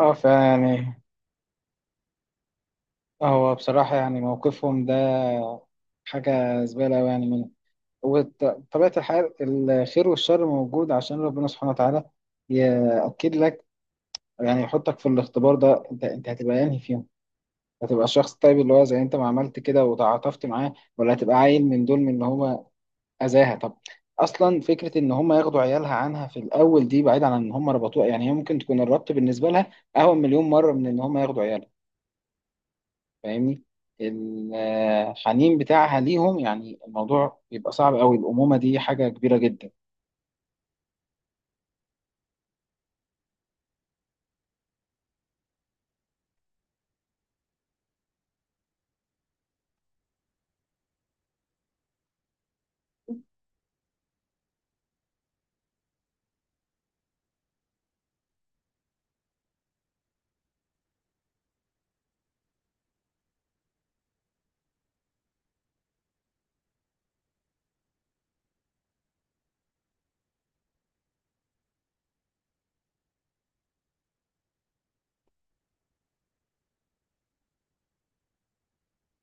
اه، فيعني هو بصراحة يعني موقفهم ده حاجة زبالة أوي يعني منهم. وطبيعة الحال الخير والشر موجود عشان ربنا سبحانه وتعالى يأكد لك، يعني يحطك في الاختبار ده. انت هتبقى انهي فيهم؟ هتبقى الشخص الطيب اللي هو زي انت ما عملت كده وتعاطفت معاه، ولا هتبقى عيل من دول من اللي هو أذاها؟ طب اصلا فكره ان هم ياخدوا عيالها عنها في الاول دي، بعيد عن ان هم ربطوها. يعني هي ممكن تكون الربط بالنسبه لها اهون مليون مره من ان هم ياخدوا عيالها، فاهمني؟ الحنين بتاعها ليهم، يعني الموضوع بيبقى صعب قوي. الأمومة دي حاجة كبيرة جدا.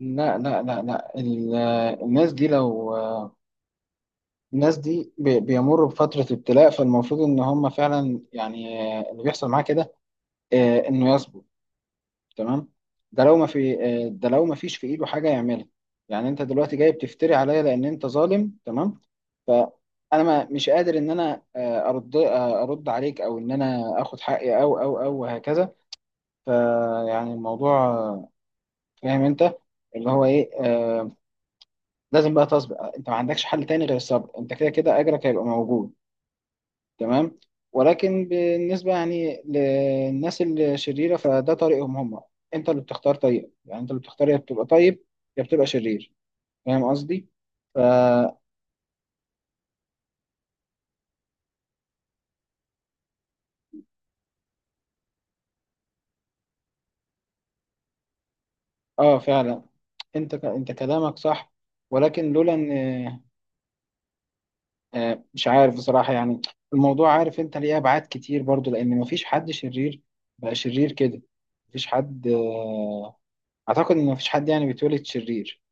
لا لا لا لا الناس دي لو الناس دي بيمروا بفترة ابتلاء، فالمفروض إن هم فعلا يعني اللي بيحصل معاه كده إنه تمام. ده لو ما في ده لو ما فيش في ايده حاجه يعملها. يعني انت دلوقتي جاي بتفتري عليا لان انت ظالم، تمام؟ فانا ما مش قادر ان انا ارد ارد عليك، او ان انا اخد حقي، او وهكذا. فيعني الموضوع فاهم انت اللي هو ايه، لازم بقى تصبر. انت ما عندكش حل تاني غير الصبر. انت كده كده اجرك هيبقى موجود، تمام. ولكن بالنسبة يعني للناس الشريرة، فده طريقهم هم. انت اللي بتختار طريقك، يعني انت اللي بتختار يا بتبقى طيب يا بتبقى شرير. فاهم قصدي؟ فا اه فعلا. انت كلامك صح. ولكن لولا ان مش عارف بصراحة. يعني الموضوع، عارف انت ليه؟ ابعاد كتير برضو، لان مفيش حد شرير بقى شرير كده. مفيش حد اعتقد ان مفيش حد يعني بيتولد شرير،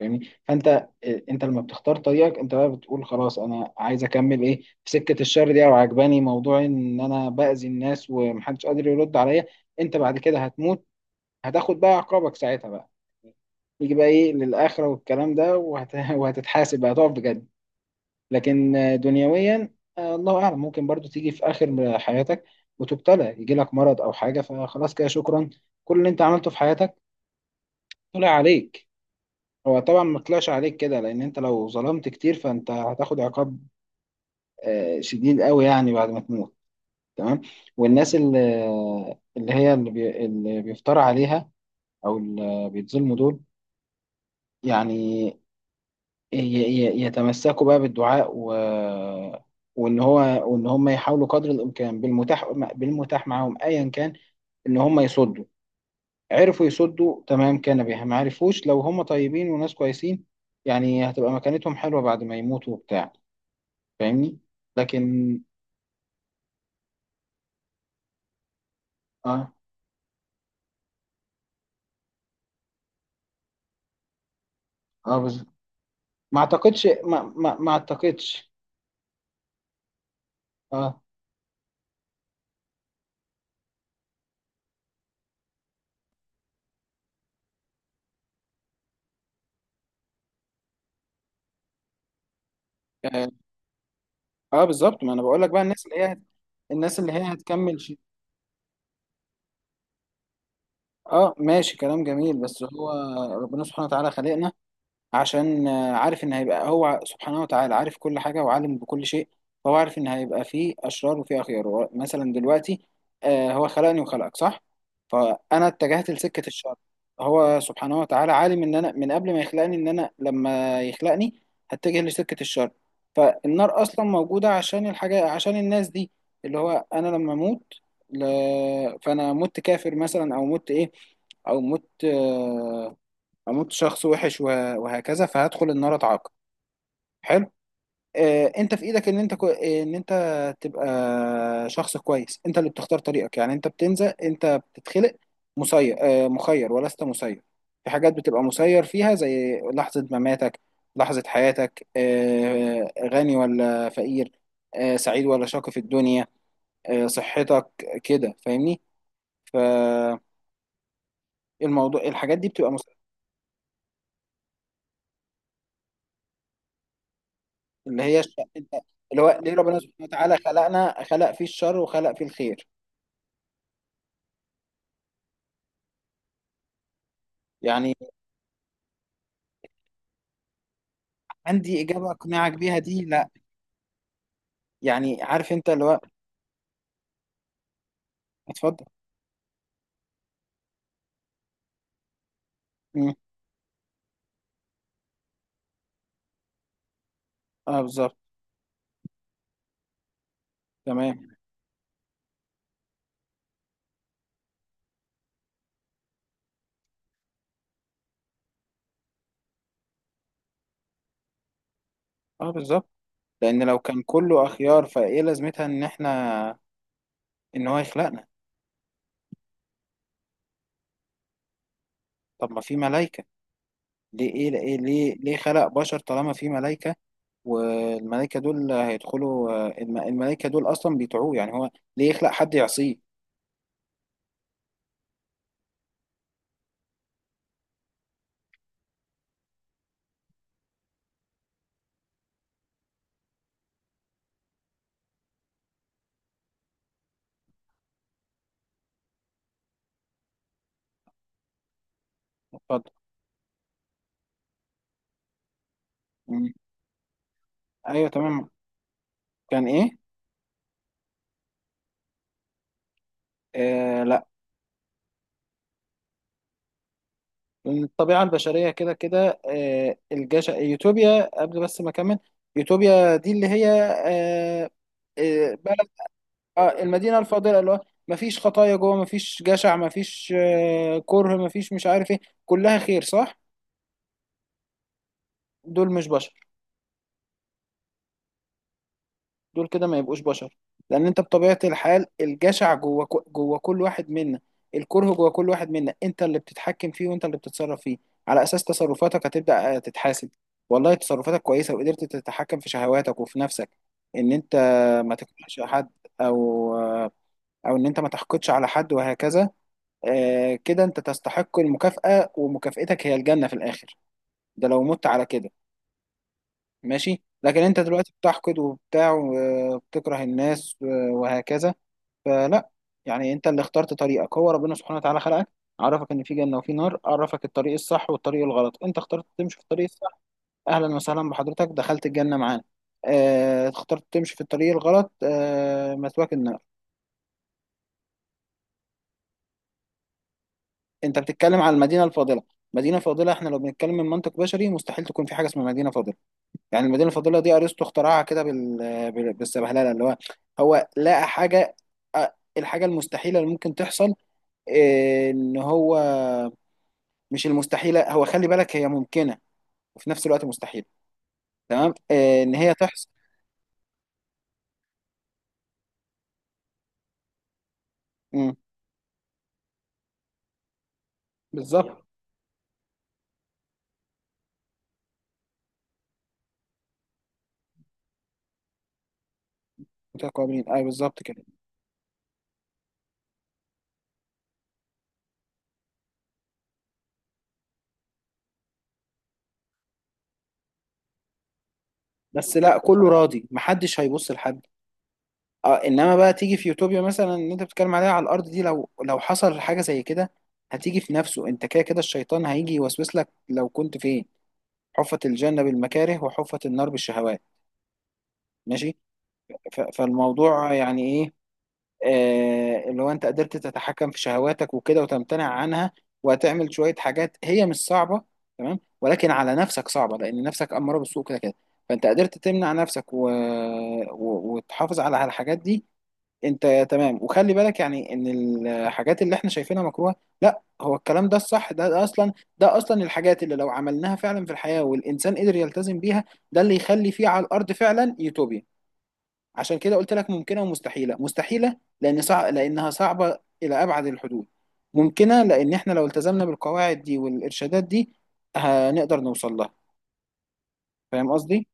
فاهمني؟ فانت آه، انت لما بتختار طريقك انت، بقى بتقول خلاص انا عايز اكمل ايه في سكه الشر دي، او عجباني موضوع ان انا باذي الناس ومحدش قادر يرد عليا. انت بعد كده هتموت، هتاخد بقى عقابك ساعتها، بقى يجي بقى ايه للآخرة والكلام ده وهتتحاسب بقى، هتقف بجد. لكن دنيويا الله أعلم، ممكن برضو تيجي في آخر حياتك وتبتلى، يجي لك مرض أو حاجة، فخلاص كده شكرا، كل اللي أنت عملته في حياتك طلع عليك. هو طبعا ما طلعش عليك كده، لان انت لو ظلمت كتير فانت هتاخد عقاب شديد قوي يعني بعد ما تموت، تمام. والناس اللي اللي هي اللي, بي اللي بيفترى عليها او اللي بيتظلموا دول، يعني يتمسكوا بقى بالدعاء و وان هو وان هم يحاولوا قدر الامكان بالمتاح، معاهم ايا كان، ان هم يصدوا. عرفوا يصدوا، تمام، كان بها. ما عرفوش، لو هم طيبين وناس كويسين، يعني هتبقى مكانتهم حلوة بعد ما يموتوا وبتاع، فاهمني؟ لكن اه. اه بالظبط. ما اعتقدش. اه. اه بالظبط ما انا بقول لك بقى الناس اللي هي، الناس اللي هي هتكمل شيء. اه ماشي كلام جميل، بس هو ربنا سبحانه وتعالى خلقنا عشان عارف ان هيبقى، هو سبحانه وتعالى عارف كل حاجه وعالم بكل شيء. فهو عارف ان هيبقى فيه اشرار وفيه اخيار. هو مثلا دلوقتي هو خلقني وخلقك، صح؟ فانا اتجهت لسكه الشر. هو سبحانه وتعالى عالم ان انا من قبل ما يخلقني، ان انا لما يخلقني هتجه لسكه الشر. فالنار اصلا موجوده عشان الحاجه، عشان الناس دي، اللي هو انا لما اموت، ل... فانا مت كافر مثلا او مت ايه او مت اموت شخص وحش وهكذا فهدخل النار، اتعاقب، حلو. انت في ايدك ان انت ان انت تبقى شخص كويس. انت اللي بتختار طريقك. يعني انت بتنزل، انت بتتخلق مسير، مخير ولست مسير. في حاجات بتبقى مسير فيها زي لحظة مماتك، لحظة حياتك، غني ولا فقير، سعيد ولا شاقي في الدنيا، صحتك كده، فاهمني؟ فالموضوع الحاجات دي بتبقى اللي هي الش... اللي هو ليه ربنا سبحانه وتعالى خلقنا، خلق فيه الشر وخلق فيه الخير؟ يعني عندي إجابة أقنعك بيها؟ دي لا. يعني عارف أنت اللي هو، اتفضل. مم. اه بالظبط. تمام. اه بالظبط. لأن لو كان كله أخيار فإيه لازمتها إن إحنا، إن هو يخلقنا؟ طب ما في ملايكة، ليه إيه؟ ليه خلق بشر طالما في ملايكة؟ والملايكة دول هيدخلوا الملايكة دول أصلا بيطيعوه، يعني هو ليه يخلق حد يعصيه؟ اتفضل. مم. أيوه تمام. كان إيه؟ آه، الطبيعة البشرية كده كده. آه، الجش يوتوبيا قبل بس ما أكمل. يوتوبيا دي اللي هي آه، بلد المدينة الفاضلة، اللي هو مفيش خطايا جوه، مفيش جشع، مفيش كره مفيش مش عارف ايه، كلها خير، صح؟ دول مش بشر، دول كده ما يبقوش بشر. لان انت بطبيعة الحال الجشع جوه جوه كل واحد منا. الكره جوه كل واحد منا. انت اللي بتتحكم فيه وانت اللي بتتصرف فيه. على اساس تصرفاتك هتبدأ تتحاسب والله تصرفاتك كويسة وقدرت تتحكم في شهواتك وفي نفسك، ان انت ما تكرهش حد، او او ان انت ما تحقدش على حد وهكذا، كده انت تستحق المكافأة، ومكافأتك هي الجنة في الاخر، ده لو مت على كده ماشي. لكن انت دلوقتي بتحقد وبتاع وبتكره الناس وهكذا، فلا. يعني انت اللي اخترت طريقك. هو ربنا سبحانه وتعالى خلقك، عرفك ان في جنة وفي نار، عرفك الطريق الصح والطريق الغلط. انت اخترت تمشي في الطريق الصح، اهلا وسهلا بحضرتك، دخلت الجنة معانا. اه اخترت تمشي في الطريق الغلط، اه مثواك النار. انت بتتكلم على المدينة الفاضلة، مدينة فاضلة. احنا لو بنتكلم من منطق بشري مستحيل تكون في حاجة اسمها مدينة فاضلة. يعني المدينه الفاضله دي ارسطو اخترعها كده بالسبهلله اللي هو هو لقى حاجه، الحاجه المستحيله اللي ممكن تحصل، ان هو، مش المستحيله، هو خلي بالك هي ممكنه وفي نفس الوقت مستحيله، تمام، ان هي تحصل. مم، بالظبط. متقابلين، اي بالظبط كده. بس لا كله راضي، محدش هيبص لحد. اه انما بقى تيجي في يوتوبيا مثلا اللي انت بتتكلم عليها على الارض دي، لو حصل حاجه زي كده هتيجي في نفسه. انت كده كده الشيطان هيجي يوسوس لك لو كنت فين. حفت الجنة بالمكاره وحفت النار بالشهوات، ماشي. فالموضوع يعني ايه؟ آه اللي هو انت قدرت تتحكم في شهواتك وكده وتمتنع عنها، وهتعمل شوية حاجات هي مش صعبة، تمام، ولكن على نفسك صعبة لأن نفسك أمارة بالسوء كده كده، فأنت قدرت تمنع نفسك وتحافظ على الحاجات دي، انت تمام. وخلي بالك يعني ان الحاجات اللي احنا شايفينها مكروهه، لا، هو الكلام ده الصح. ده اصلا الحاجات اللي لو عملناها فعلا في الحياه والانسان قدر يلتزم بيها، ده اللي يخلي فيه على الارض فعلا يوتوبيا. عشان كده قلت لك ممكنه ومستحيله. مستحيله لان لانها صعبه الى ابعد الحدود. ممكنه لان احنا لو التزمنا بالقواعد دي والارشادات دي هنقدر نوصل لها، فاهم قصدي؟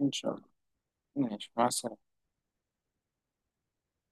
ان شاء الله. ماشي، مع السلامه.